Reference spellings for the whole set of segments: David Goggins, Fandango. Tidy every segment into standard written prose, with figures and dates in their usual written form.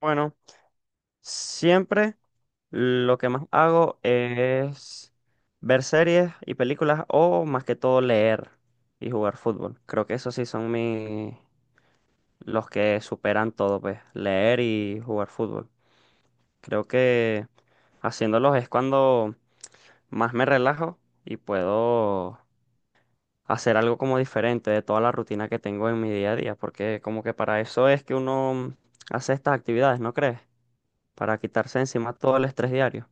Bueno, siempre lo que más hago es ver series y películas o más que todo leer y jugar fútbol. Creo que esos sí son los que superan todo, pues, leer y jugar fútbol. Creo que haciéndolos es cuando más me relajo y puedo hacer algo como diferente de toda la rutina que tengo en mi día a día, porque como que para eso es que uno hace estas actividades, ¿no crees? Para quitarse encima todo el estrés diario.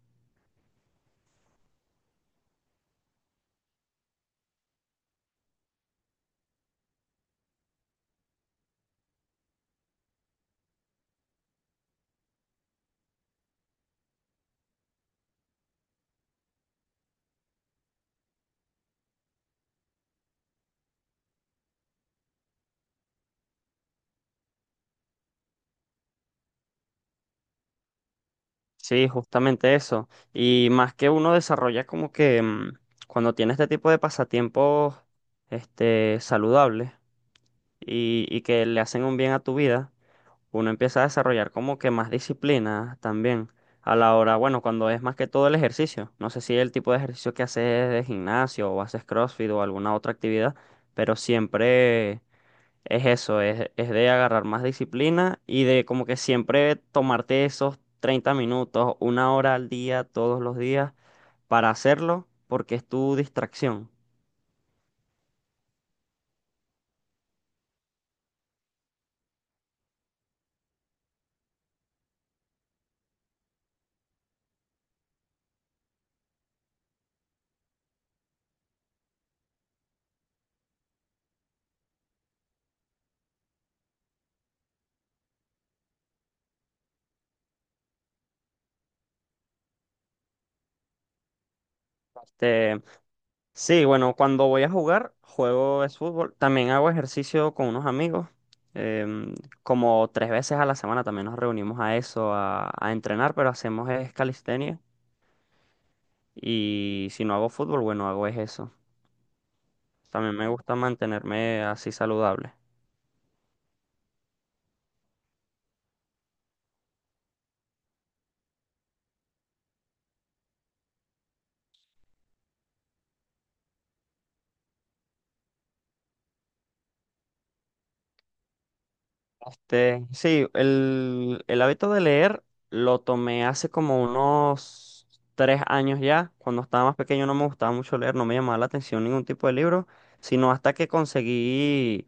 Sí, justamente eso. Y más que uno desarrolla como que cuando tiene este tipo de pasatiempos saludables y que le hacen un bien a tu vida, uno empieza a desarrollar como que más disciplina también a la hora, bueno, cuando es más que todo el ejercicio. No sé si el tipo de ejercicio que haces es de gimnasio o haces CrossFit o alguna otra actividad, pero siempre es eso, es de agarrar más disciplina y de como que siempre tomarte esos 30 minutos, 1 hora al día, todos los días, para hacerlo, porque es tu distracción. Este, sí, bueno, cuando voy a jugar, juego es fútbol. También hago ejercicio con unos amigos. em, Como tres veces a la semana también nos reunimos a eso, a entrenar, pero hacemos es calistenia. Y si no hago fútbol, bueno, hago es eso. También me gusta mantenerme así saludable. Este, sí, el hábito de leer lo tomé hace como unos 3 años ya. Cuando estaba más pequeño no me gustaba mucho leer, no me llamaba la atención ningún tipo de libro, sino hasta que conseguí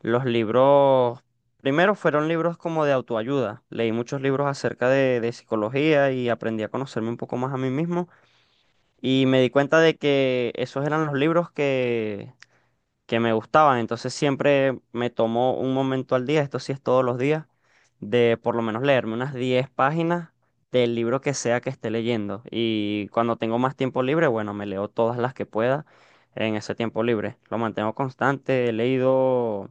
los libros. Primero fueron libros como de autoayuda. Leí muchos libros acerca de psicología y aprendí a conocerme un poco más a mí mismo. Y me di cuenta de que esos eran los libros que me gustaban. Entonces siempre me tomó un momento al día, esto sí es todos los días, de por lo menos leerme unas 10 páginas del libro que sea que esté leyendo. Y cuando tengo más tiempo libre, bueno, me leo todas las que pueda en ese tiempo libre. Lo mantengo constante, he leído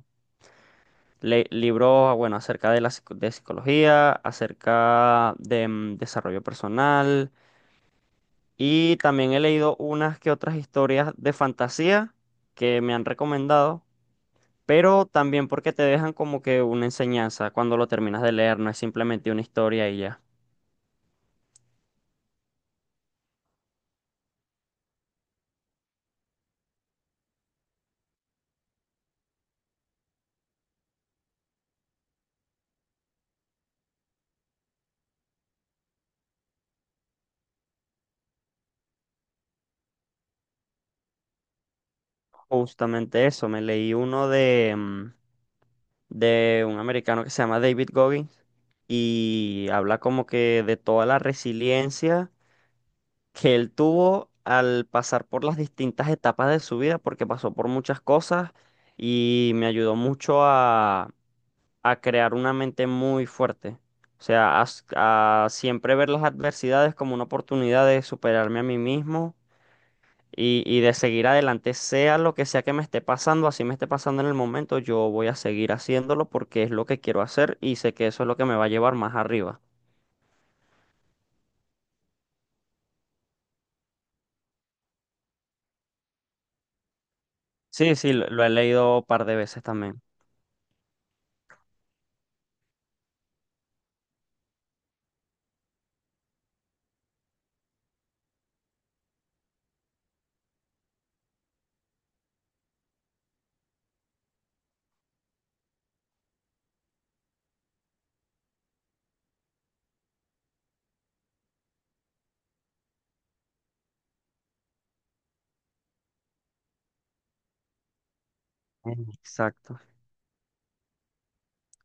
libros, bueno, acerca de la de psicología, acerca de desarrollo personal. Y también he leído unas que otras historias de fantasía que me han recomendado pero también porque te dejan como que una enseñanza cuando lo terminas de leer, no es simplemente una historia y ya. Justamente eso, me leí uno de un americano que se llama David Goggins y habla como que de toda la resiliencia que él tuvo al pasar por las distintas etapas de su vida, porque pasó por muchas cosas y me ayudó mucho a crear una mente muy fuerte. O sea, a siempre ver las adversidades como una oportunidad de superarme a mí mismo y de seguir adelante, sea lo que sea que me esté pasando, así me esté pasando en el momento, yo voy a seguir haciéndolo porque es lo que quiero hacer y sé que eso es lo que me va a llevar más arriba. Sí, sí, lo he leído un par de veces también. Mm. Exacto.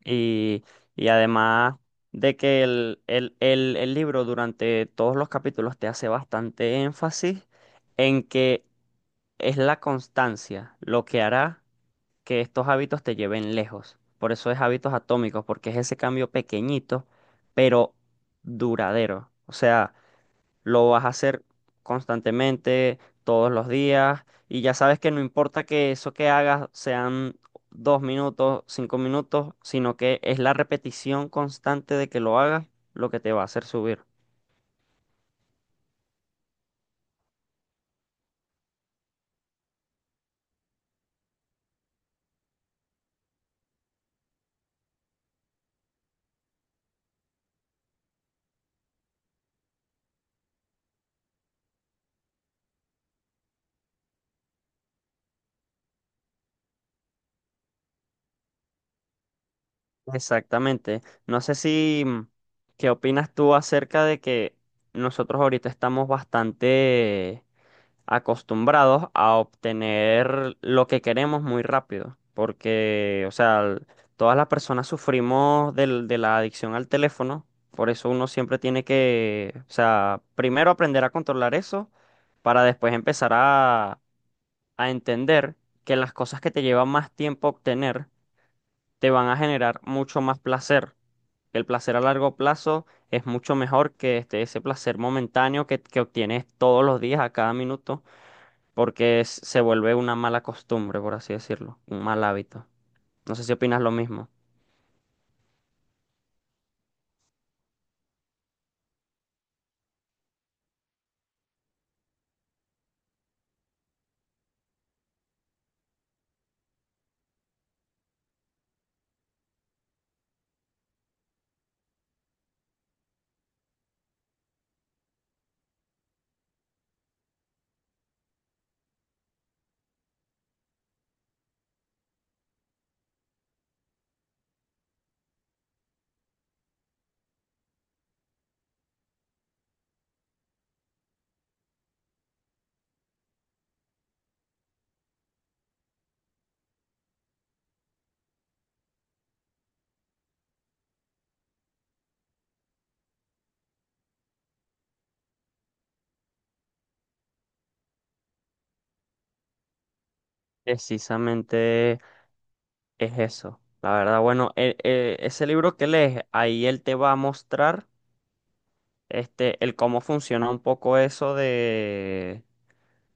Y, y además de que el libro durante todos los capítulos te hace bastante énfasis en que es la constancia lo que hará que estos hábitos te lleven lejos. Por eso es hábitos atómicos, porque es ese cambio pequeñito, pero duradero. O sea, lo vas a hacer constantemente, todos los días, y ya sabes que no importa que eso que hagas sean 2 minutos, 5 minutos, sino que es la repetición constante de que lo hagas lo que te va a hacer subir. Exactamente. No sé si, ¿qué opinas tú acerca de que nosotros ahorita estamos bastante acostumbrados a obtener lo que queremos muy rápido? Porque, o sea, todas las personas sufrimos de la adicción al teléfono, por eso uno siempre tiene que, o sea, primero aprender a controlar eso para después empezar a entender que las cosas que te llevan más tiempo obtener te van a generar mucho más placer. El placer a largo plazo es mucho mejor que este, ese placer momentáneo que obtienes todos los días, a cada minuto, porque se vuelve una mala costumbre, por así decirlo, un mal hábito. No sé si opinas lo mismo. Precisamente es eso. La verdad, bueno, ese libro que lees, ahí él te va a mostrar este, el cómo funciona un poco eso de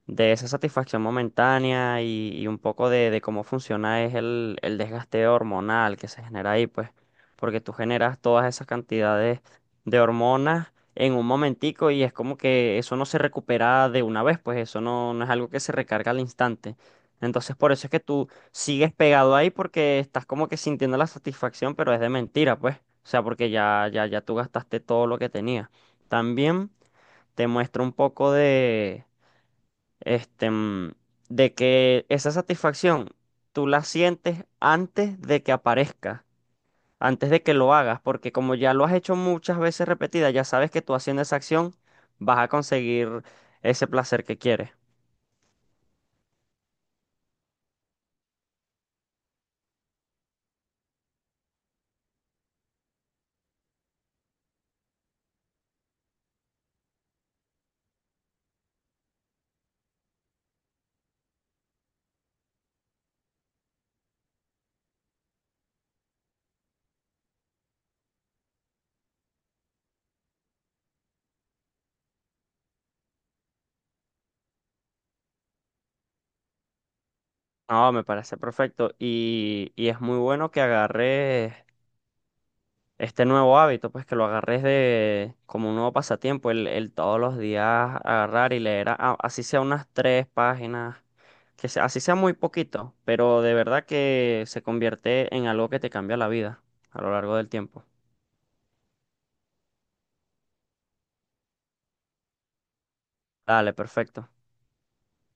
de esa satisfacción momentánea y un poco de cómo funciona es el desgaste hormonal que se genera ahí, pues, porque tú generas todas esas cantidades de hormonas en un momentico y es como que eso no se recupera de una vez, pues eso no, no es algo que se recarga al instante. Entonces, por eso es que tú sigues pegado ahí porque estás como que sintiendo la satisfacción, pero es de mentira, pues. O sea, porque ya, ya, ya tú gastaste todo lo que tenías. También te muestra un poco este, mm, de que esa satisfacción tú la sientes antes de que aparezca, antes de que lo hagas, porque como ya lo has hecho muchas veces repetidas, ya sabes que tú haciendo esa acción vas a conseguir ese placer que quieres. No, me parece perfecto y es muy bueno que agarres este nuevo hábito, pues que lo agarres de como un nuevo pasatiempo, el todos los días agarrar y leer, así sea unas tres páginas, que así sea muy poquito, pero de verdad que se convierte en algo que te cambia la vida a lo largo del tiempo. Dale, perfecto.